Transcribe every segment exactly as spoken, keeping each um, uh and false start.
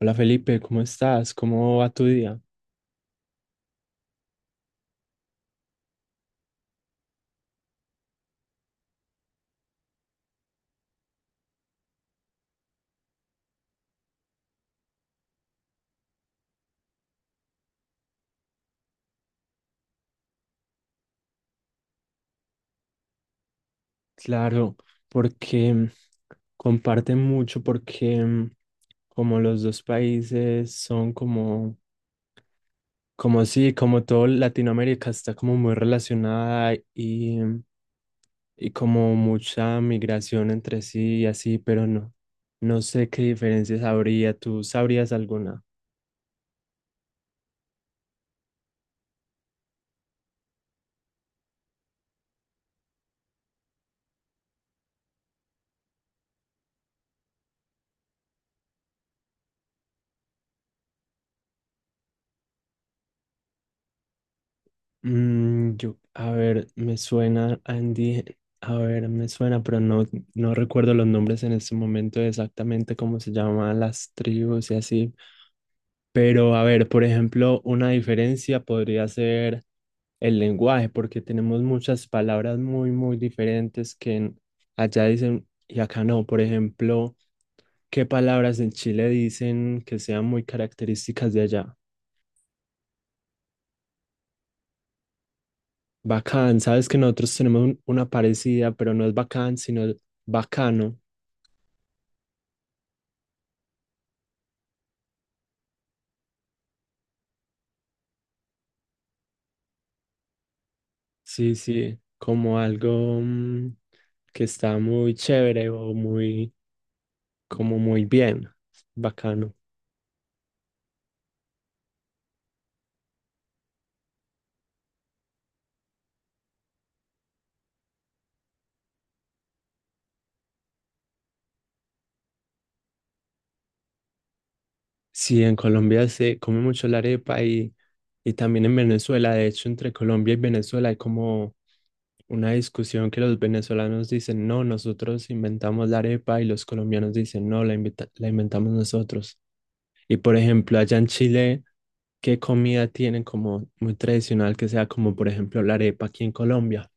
Hola Felipe, ¿cómo estás? ¿Cómo va tu día? Claro, porque mm, comparten mucho, porque mm, como los dos países son como, como sí, como todo Latinoamérica está como muy relacionada y, mm, y como mucha migración entre sí y así, pero no, no sé qué diferencias habría, ¿tú sabrías alguna? Mm, yo, a ver, me suena Andy, a ver, me suena, pero no, no recuerdo los nombres en este momento exactamente cómo se llaman las tribus y así. Pero a ver, por ejemplo, una diferencia podría ser el lenguaje, porque tenemos muchas palabras muy, muy diferentes que en- allá dicen y acá no. Por ejemplo, ¿qué palabras en Chile dicen que sean muy características de allá? Bacán, sabes que nosotros tenemos un- una parecida, pero no es bacán, sino bacano. Sí, sí, como algo mm, que está muy chévere o muy, como muy bien, bacano. Sí, en Colombia se come mucho la arepa y, y también en Venezuela. De hecho, entre Colombia y Venezuela hay como una discusión que los venezolanos dicen, no, nosotros inventamos la arepa y los colombianos dicen, no, la inventa- la inventamos nosotros. Y por ejemplo, allá en Chile. ¿Qué comida tienen como muy tradicional que sea como por ejemplo la arepa aquí en Colombia?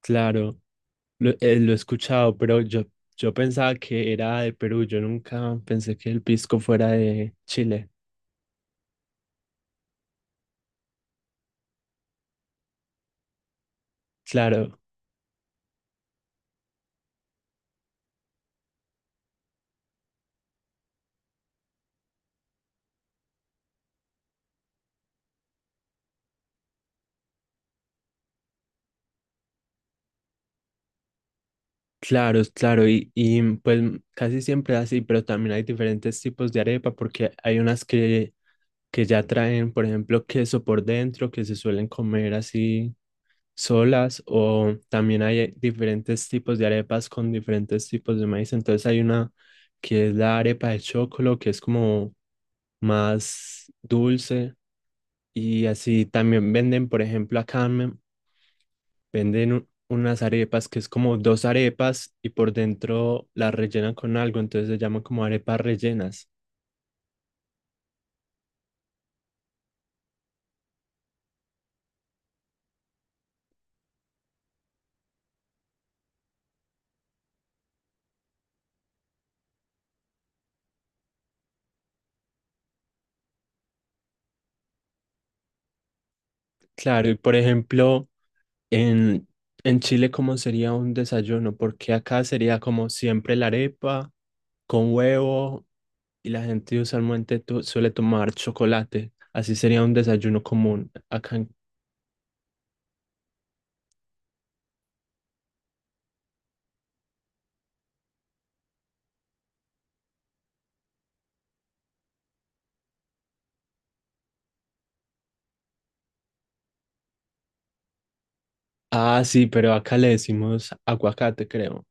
Claro, lo, eh, lo he escuchado, pero yo, yo pensaba que era de Perú, yo nunca pensé que el pisco fuera de Chile. Claro, claro, claro, y, y mm, pues mm, casi siempre es así, pero también hay diferentes tipos de arepa porque hay unas que, que ya traen, por ejemplo, queso por dentro que se suelen comer así. Solas, o también hay diferentes tipos de arepas con diferentes tipos de maíz. Entonces hay una que es la arepa de chocolo, que es como más dulce y así también venden, por ejemplo, acá me- venden u- unas arepas que es como dos arepas y por dentro las rellenan con algo, entonces se llaman como arepas rellenas. Claro, y por ejemplo, en, en Chile, ¿cómo sería un desayuno? Porque acá sería como siempre la arepa con huevo y la gente usualmente tu- suele tomar chocolate. Así sería un desayuno común acá. En... Ah, sí, pero acá le decimos aguacate, creo.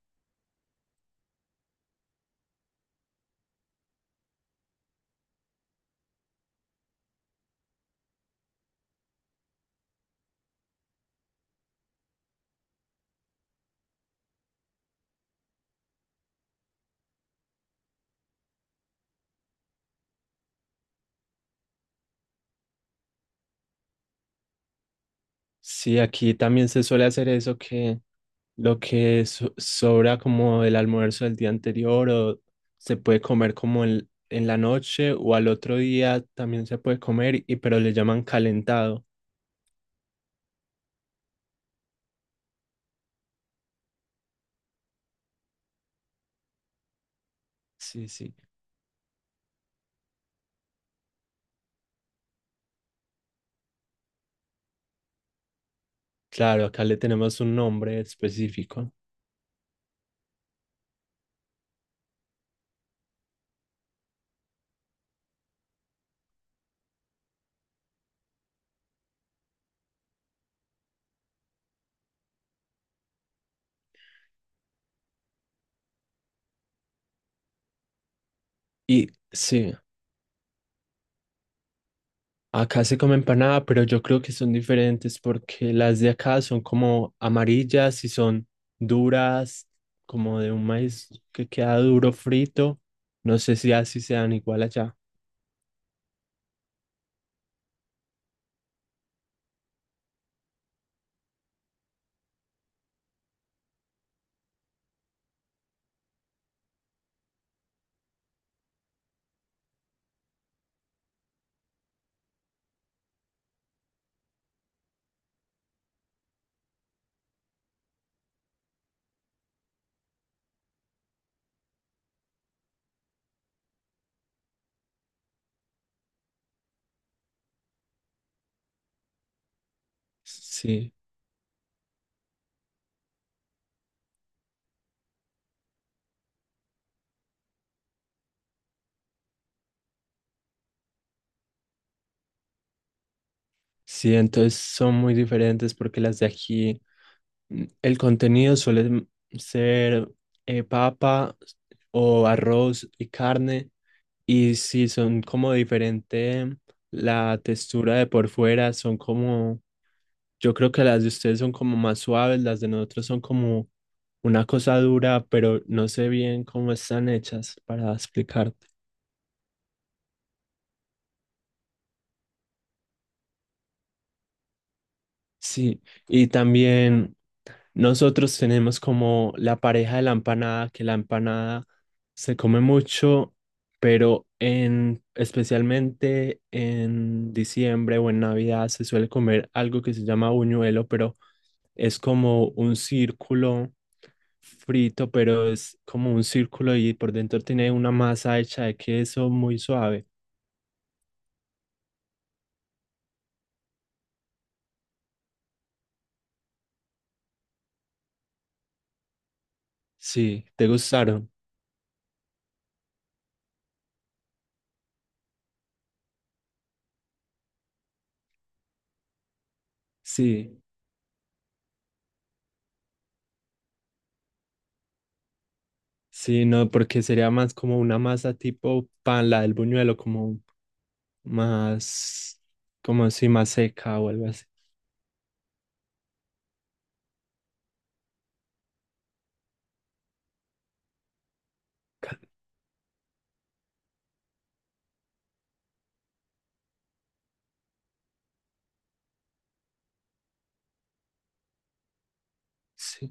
Sí, aquí también se suele hacer eso que lo que so- sobra como del almuerzo del día anterior o se puede comer como en, en la noche o al otro día también se puede comer y pero le llaman calentado. Sí, sí. Claro, acá le tenemos un nombre específico. Y sí. Acá se come empanada, pero yo creo que son diferentes porque las de acá son como amarillas y son duras, como de un maíz que queda duro frito. No sé si así sean igual allá. Sí, sí, entonces son muy diferentes porque las de aquí, mm, el contenido suele m- ser eh, papa o arroz y carne. Y sí, son como diferente la textura de por fuera, son como... Yo creo que las de ustedes son como más suaves, las de nosotros son como una cosa dura, pero no sé bien cómo están hechas para explicarte. Sí, y también nosotros tenemos como la pareja de la empanada, que la empanada se come mucho, pero en especialmente en diciembre o en Navidad se suele comer algo que se llama buñuelo, pero es como un círculo frito, pero es como un círculo y por dentro tiene una masa hecha de queso muy suave. Sí, ¿te gustaron? Sí, sí, no, porque sería más como una masa tipo pan, la del buñuelo, como más, como así, más seca o algo así. Ca... Sí.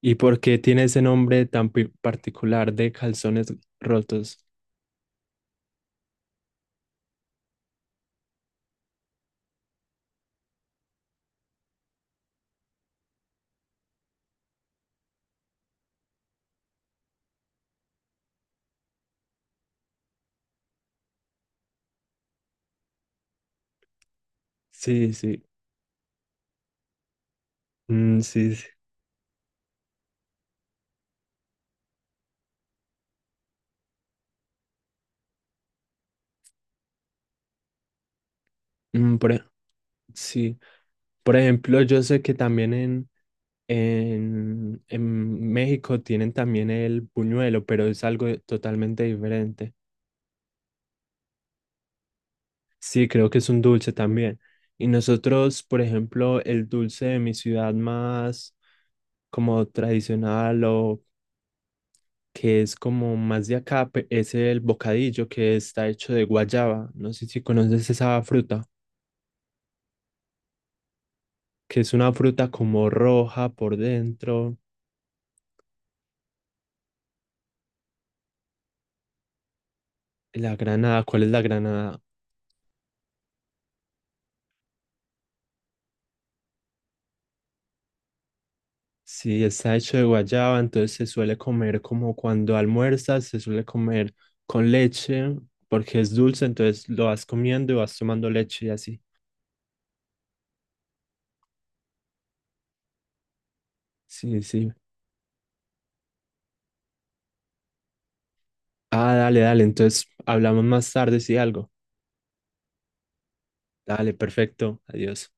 ¿Y por qué tiene ese nombre tan pi- particular de calzones rotos? Sí, sí, mm, sí, sí. Mm, por e- sí. Por ejemplo, yo sé que también en, En, en México tienen también el buñuelo, pero es algo totalmente diferente. Sí, creo que es un dulce también. Y nosotros, por ejemplo, el dulce de mi ciudad más como tradicional o que es como más de acá, pe- es el bocadillo que está hecho de guayaba. No sé si conoces esa fruta, que es una fruta como roja por dentro. La granada, ¿cuál es la granada? Sí, está hecho de guayaba, entonces se suele comer como cuando almuerzas, se suele comer con leche, porque es dulce, entonces lo vas comiendo y vas tomando leche y así. Sí, sí. Ah, dale, dale, entonces hablamos más tarde si algo. Dale, perfecto, adiós.